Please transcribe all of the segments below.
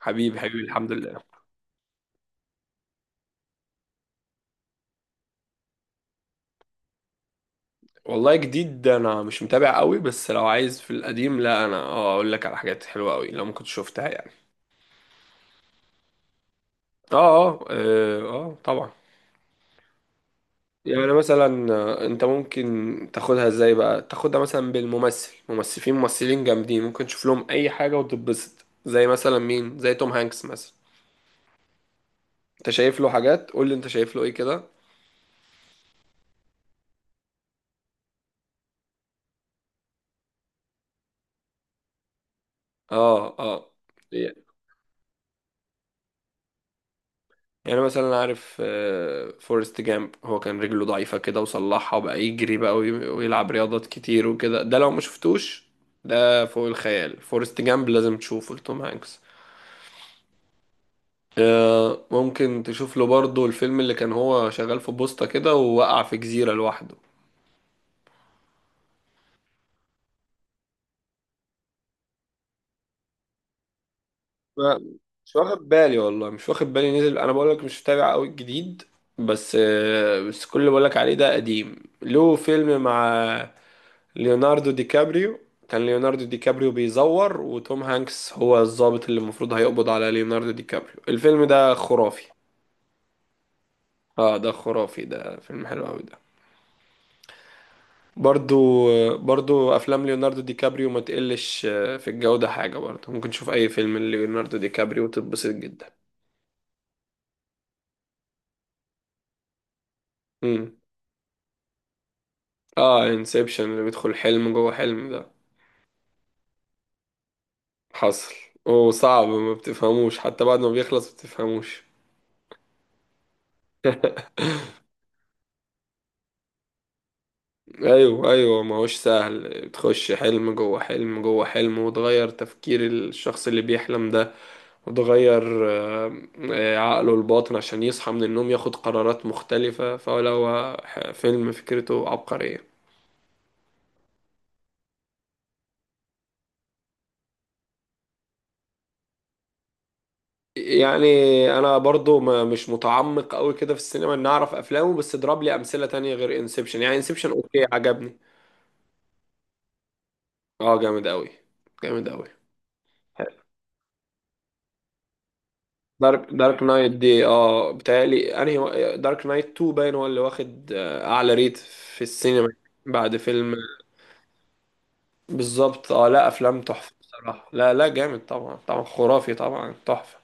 حبيبي حبيبي، الحمد لله. والله جديد، انا مش متابع قوي، بس لو عايز في القديم، لا انا اقول لك على حاجات حلوه قوي لو ما كنت شفتها يعني. اه اه اه، آه، طبعا. يعني مثلا انت ممكن تاخدها ازاي بقى؟ تاخدها مثلا بالممثل، ممثلين جامدين ممكن تشوف لهم اي حاجه وتتبسط، زي مثلا مين؟ زي توم هانكس مثلا. انت شايف له حاجات؟ قول لي انت شايف له ايه كده. اه اه. يعني مثلا عارف فورست جامب؟ هو كان رجله ضعيفة كده وصلحها وبقى يجري بقى ويلعب رياضات كتير وكده. ده لو ما شفتوش ده فوق الخيال. فورست جامب لازم تشوفه لتوم هانكس. آه، ممكن تشوف له برضه الفيلم اللي كان هو شغال في بوسطة كده ووقع في جزيرة لوحده. ما- مش واخد بالي والله، مش واخد بالي نزل. انا بقول لك مش متابع قوي الجديد، بس آه، بس كل اللي بقول لك عليه ده قديم. له فيلم مع ليوناردو دي كابريو. كان ليوناردو دي كابريو بيزور، وتوم هانكس هو الضابط اللي المفروض هيقبض على ليوناردو دي كابريو. الفيلم ده خرافي. اه ده خرافي، ده فيلم حلو قوي ده. برضو، برضو افلام ليوناردو دي كابريو ما تقلش في الجودة حاجة. برضو ممكن تشوف اي فيلم ليوناردو دي كابريو وتتبسط جدا. امم، اه، انسبشن اللي بيدخل حلم جوه حلم ده. حصل. وصعب ما بتفهموش، حتى بعد ما بيخلص ما بتفهموش. ايوه ايوه، ما هوش سهل. بتخش حلم جوه حلم جوه حلم، وتغير تفكير الشخص اللي بيحلم ده، وتغير عقله الباطن عشان يصحى من النوم ياخد قرارات مختلفة. فلو فيلم فكرته عبقرية. يعني انا برضو ما مش متعمق قوي كده في السينما ان اعرف افلامه، بس اضرب لي امثلة تانية غير انسبشن. يعني انسبشن اوكي، عجبني. اه جامد قوي، جامد قوي. دارك نايت دي، اه، بتهيألي انهي دارك نايت 2 باين هو اللي واخد اعلى ريت في السينما بعد فيلم. بالظبط، اه، لا افلام تحفه بصراحه، لا لا جامد طبعا، طبعا خرافي، طبعا تحفه.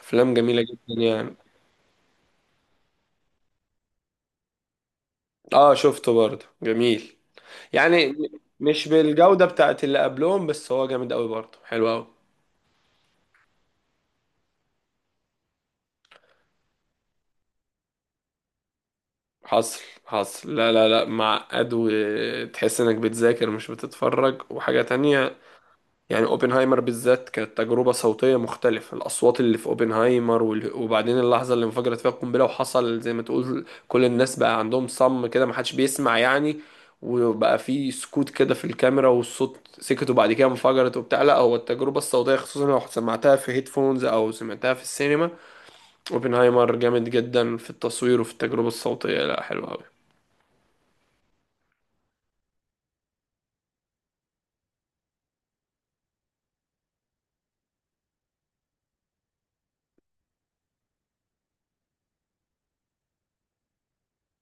افلام جميله جدا يعني. اه شفته برضه، جميل. يعني مش بالجوده بتاعت اللي قبلهم، بس هو جامد قوي برضه، حلو قوي. حصل، حصل. لا لا لا، معقد وتحس انك بتذاكر مش بتتفرج، وحاجه تانية. يعني اوبنهايمر بالذات كانت تجربة صوتية مختلفة، الأصوات اللي في اوبنهايمر وبعدين اللحظة اللي انفجرت فيها القنبلة وحصل زي ما تقول كل الناس بقى عندهم صم كده، محدش بيسمع يعني. وبقى في سكوت كده في الكاميرا والصوت سكت، وبعد كده انفجرت وبتاع. لا هو التجربة الصوتية خصوصا لو سمعتها في هيدفونز أو سمعتها في السينما. اوبنهايمر جامد جدا في التصوير وفي التجربة الصوتية، لا حلو أوي.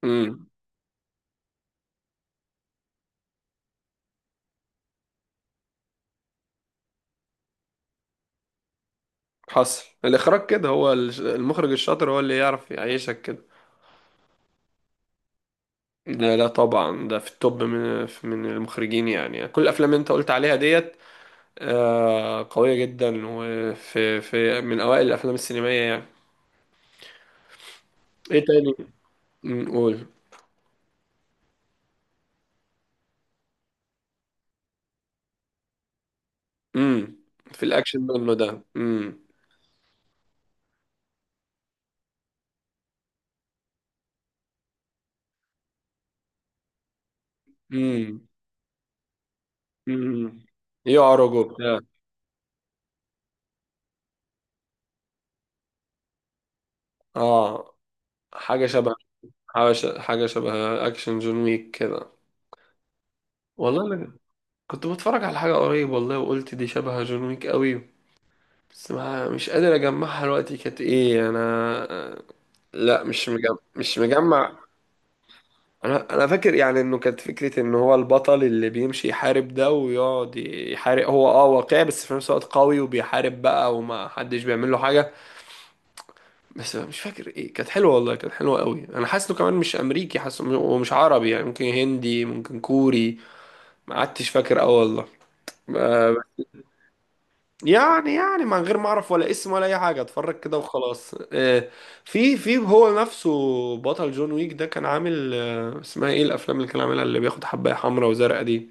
امم، حصل. الإخراج كده، هو المخرج الشاطر هو اللي يعرف يعيشك كده. لا لا طبعا، ده في التوب من المخرجين. يعني كل الافلام اللي انت قلت عليها ديت آه، قوية جدا، وفي من اوائل الافلام السينمائية يعني. ايه تاني نقول؟ امم، في الاكشن منه ده. امم، امم، امم، يعرج وبتاع. اه حاجة شبه، حاجة، شبه اكشن جون ويك كده. والله انا كنت بتفرج على حاجة قريب والله وقلت دي شبه جون ويك قوي، بس ما مش قادر اجمعها دلوقتي. كانت ايه انا؟ لا مش مجمع، مش مجمع. انا فاكر يعني انه كانت فكره ان هو البطل اللي بيمشي يحارب ده ويقعد يحارب، هو اه واقعي بس في نفس الوقت قوي، وبيحارب بقى وما حدش بيعمل له حاجه. بس مش فاكر ايه. كانت حلوه والله، كانت حلوه قوي. انا حاسه كمان مش امريكي، حاسه ومش عربي، يعني ممكن هندي، ممكن كوري. ما عدتش فاكر قوي والله. آه، يعني، يعني من غير ما اعرف ولا اسم ولا اي حاجه، اتفرج كده وخلاص. آه، في، في هو نفسه بطل جون ويك ده كان عامل اسمها ايه الافلام اللي كان عاملها، اللي بياخد حبايه حمراء وزرقاء دي؟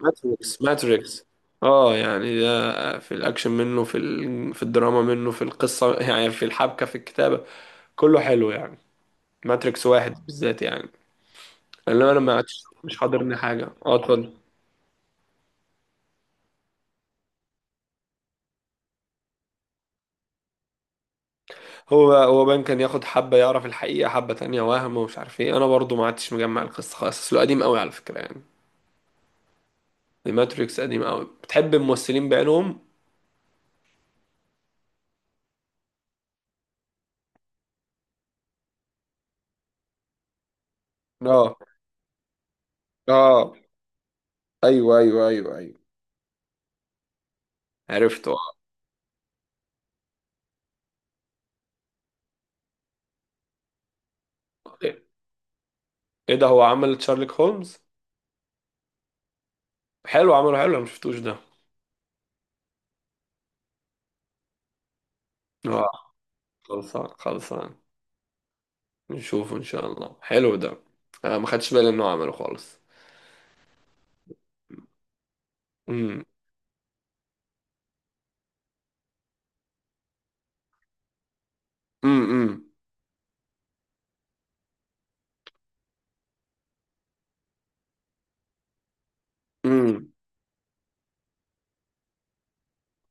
ماتريكس، ماتريكس. اه يعني ده في الاكشن منه، في في الدراما منه، في القصه، يعني في الحبكه، في الكتابه. كله حلو يعني. ماتريكس واحد بالذات يعني. لان انا ما عادش- مش حاضرني حاجه. اه اتفضل. هو بان كان ياخد حبة يعرف الحقيقة، حبة تانية وهم، ومش عارف ايه. انا برضو ما عدتش مجمع القصة خالص، اصله قديم قوي على فكرة يعني. الماتريكس قديم قوي. بتحب الممثلين بعينهم. اه اه، ايوه ايوه ايوه ايوه. عرفته، آه. ايه، إيه ده، هو عمل شارلوك هولمز؟ حلو، عمله حلو، انا ما شفتوش ده. اه خلصان، خلصان، نشوفه ان شاء الله. حلو ده. آه ما خدتش بالي انه عمله خالص. امم، امم، امم،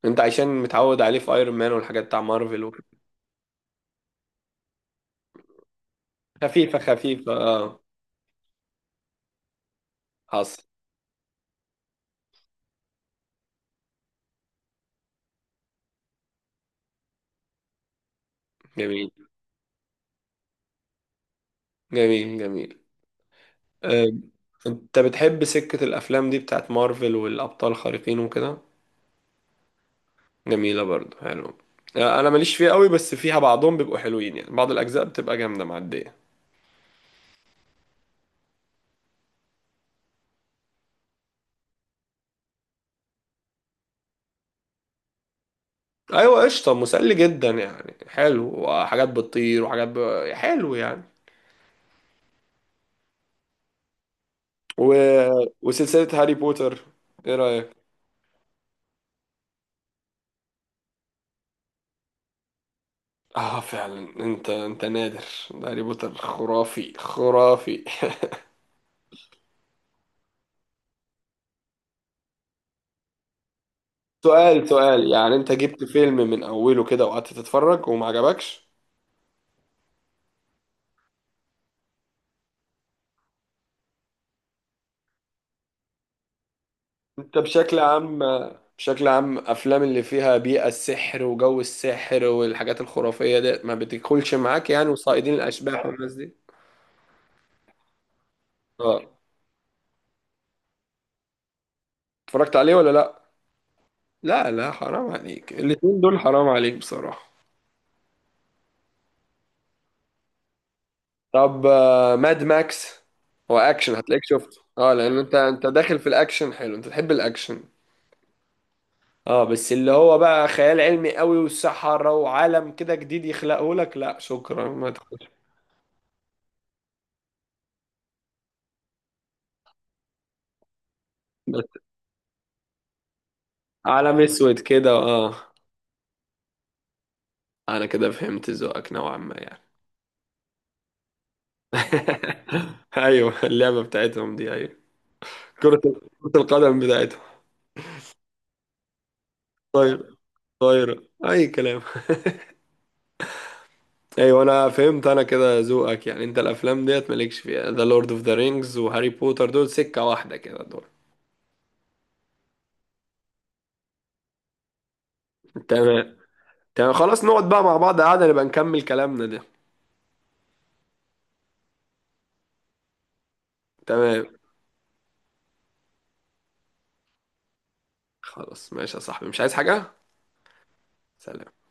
انت عشان متعود عليه في ايرون مان والحاجات بتاع مارفل. خفيفة، خفيفة اه. حصل. جميل، جميل، جميل. أم، انت بتحب سكة الافلام دي بتاعت مارفل والابطال الخارقين وكده؟ جميلة برضو، حلو. آه، انا ماليش فيها قوي، بس فيها بعضهم بيبقوا حلوين يعني، بعض الاجزاء بتبقى جامدة معدية. ايوه قشطة، مسلي جدا يعني، حلو، وحاجات بتطير وحاجات حلو يعني. و... وسلسلة هاري بوتر، ايه رأيك؟ اه فعلا انت، انت نادر. ده هاري بوتر خرافي، خرافي. سؤال، سؤال، يعني انت جبت فيلم من اوله كده وقعدت تتفرج وما عجبكش؟ انت بشكل عام، بشكل عام افلام اللي فيها بيئة السحر وجو السحر والحاجات الخرافية دي ما بتدخلش معاك يعني، وصائدين الاشباح والناس دي. اه اتفرجت عليه ولا لا؟ لا لا حرام عليك، الاتنين دول حرام عليك بصراحة. طب آه، ماد ماكس، هو اكشن، هتلاقيك شفته اه، لان انت، انت داخل في الاكشن، حلو، انت تحب الاكشن. اه بس اللي هو بقى خيال علمي قوي والسحرة وعالم كده جديد يخلقه لك، لا شكرا ما تخش. بس عالم اسود كده اه. انا كده فهمت ذوقك نوعا ما يعني. ايوه اللعبة بتاعتهم دي، ايوه، كرة، كرة القدم بتاعتهم. طاير، طايرة اي كلام. ايوه انا فهمت، انا كده ذوقك يعني. انت الافلام ديت مالكش فيها، ذا لورد اوف ذا رينجز وهاري بوتر، دول سكة واحدة كده دول. تمام، تمام. خلاص نقعد بقى مع بعض قعدة نبقى نكمل كلامنا ده. تمام، خلاص، ماشي يا صاحبي، مش عايز حاجة. سلام.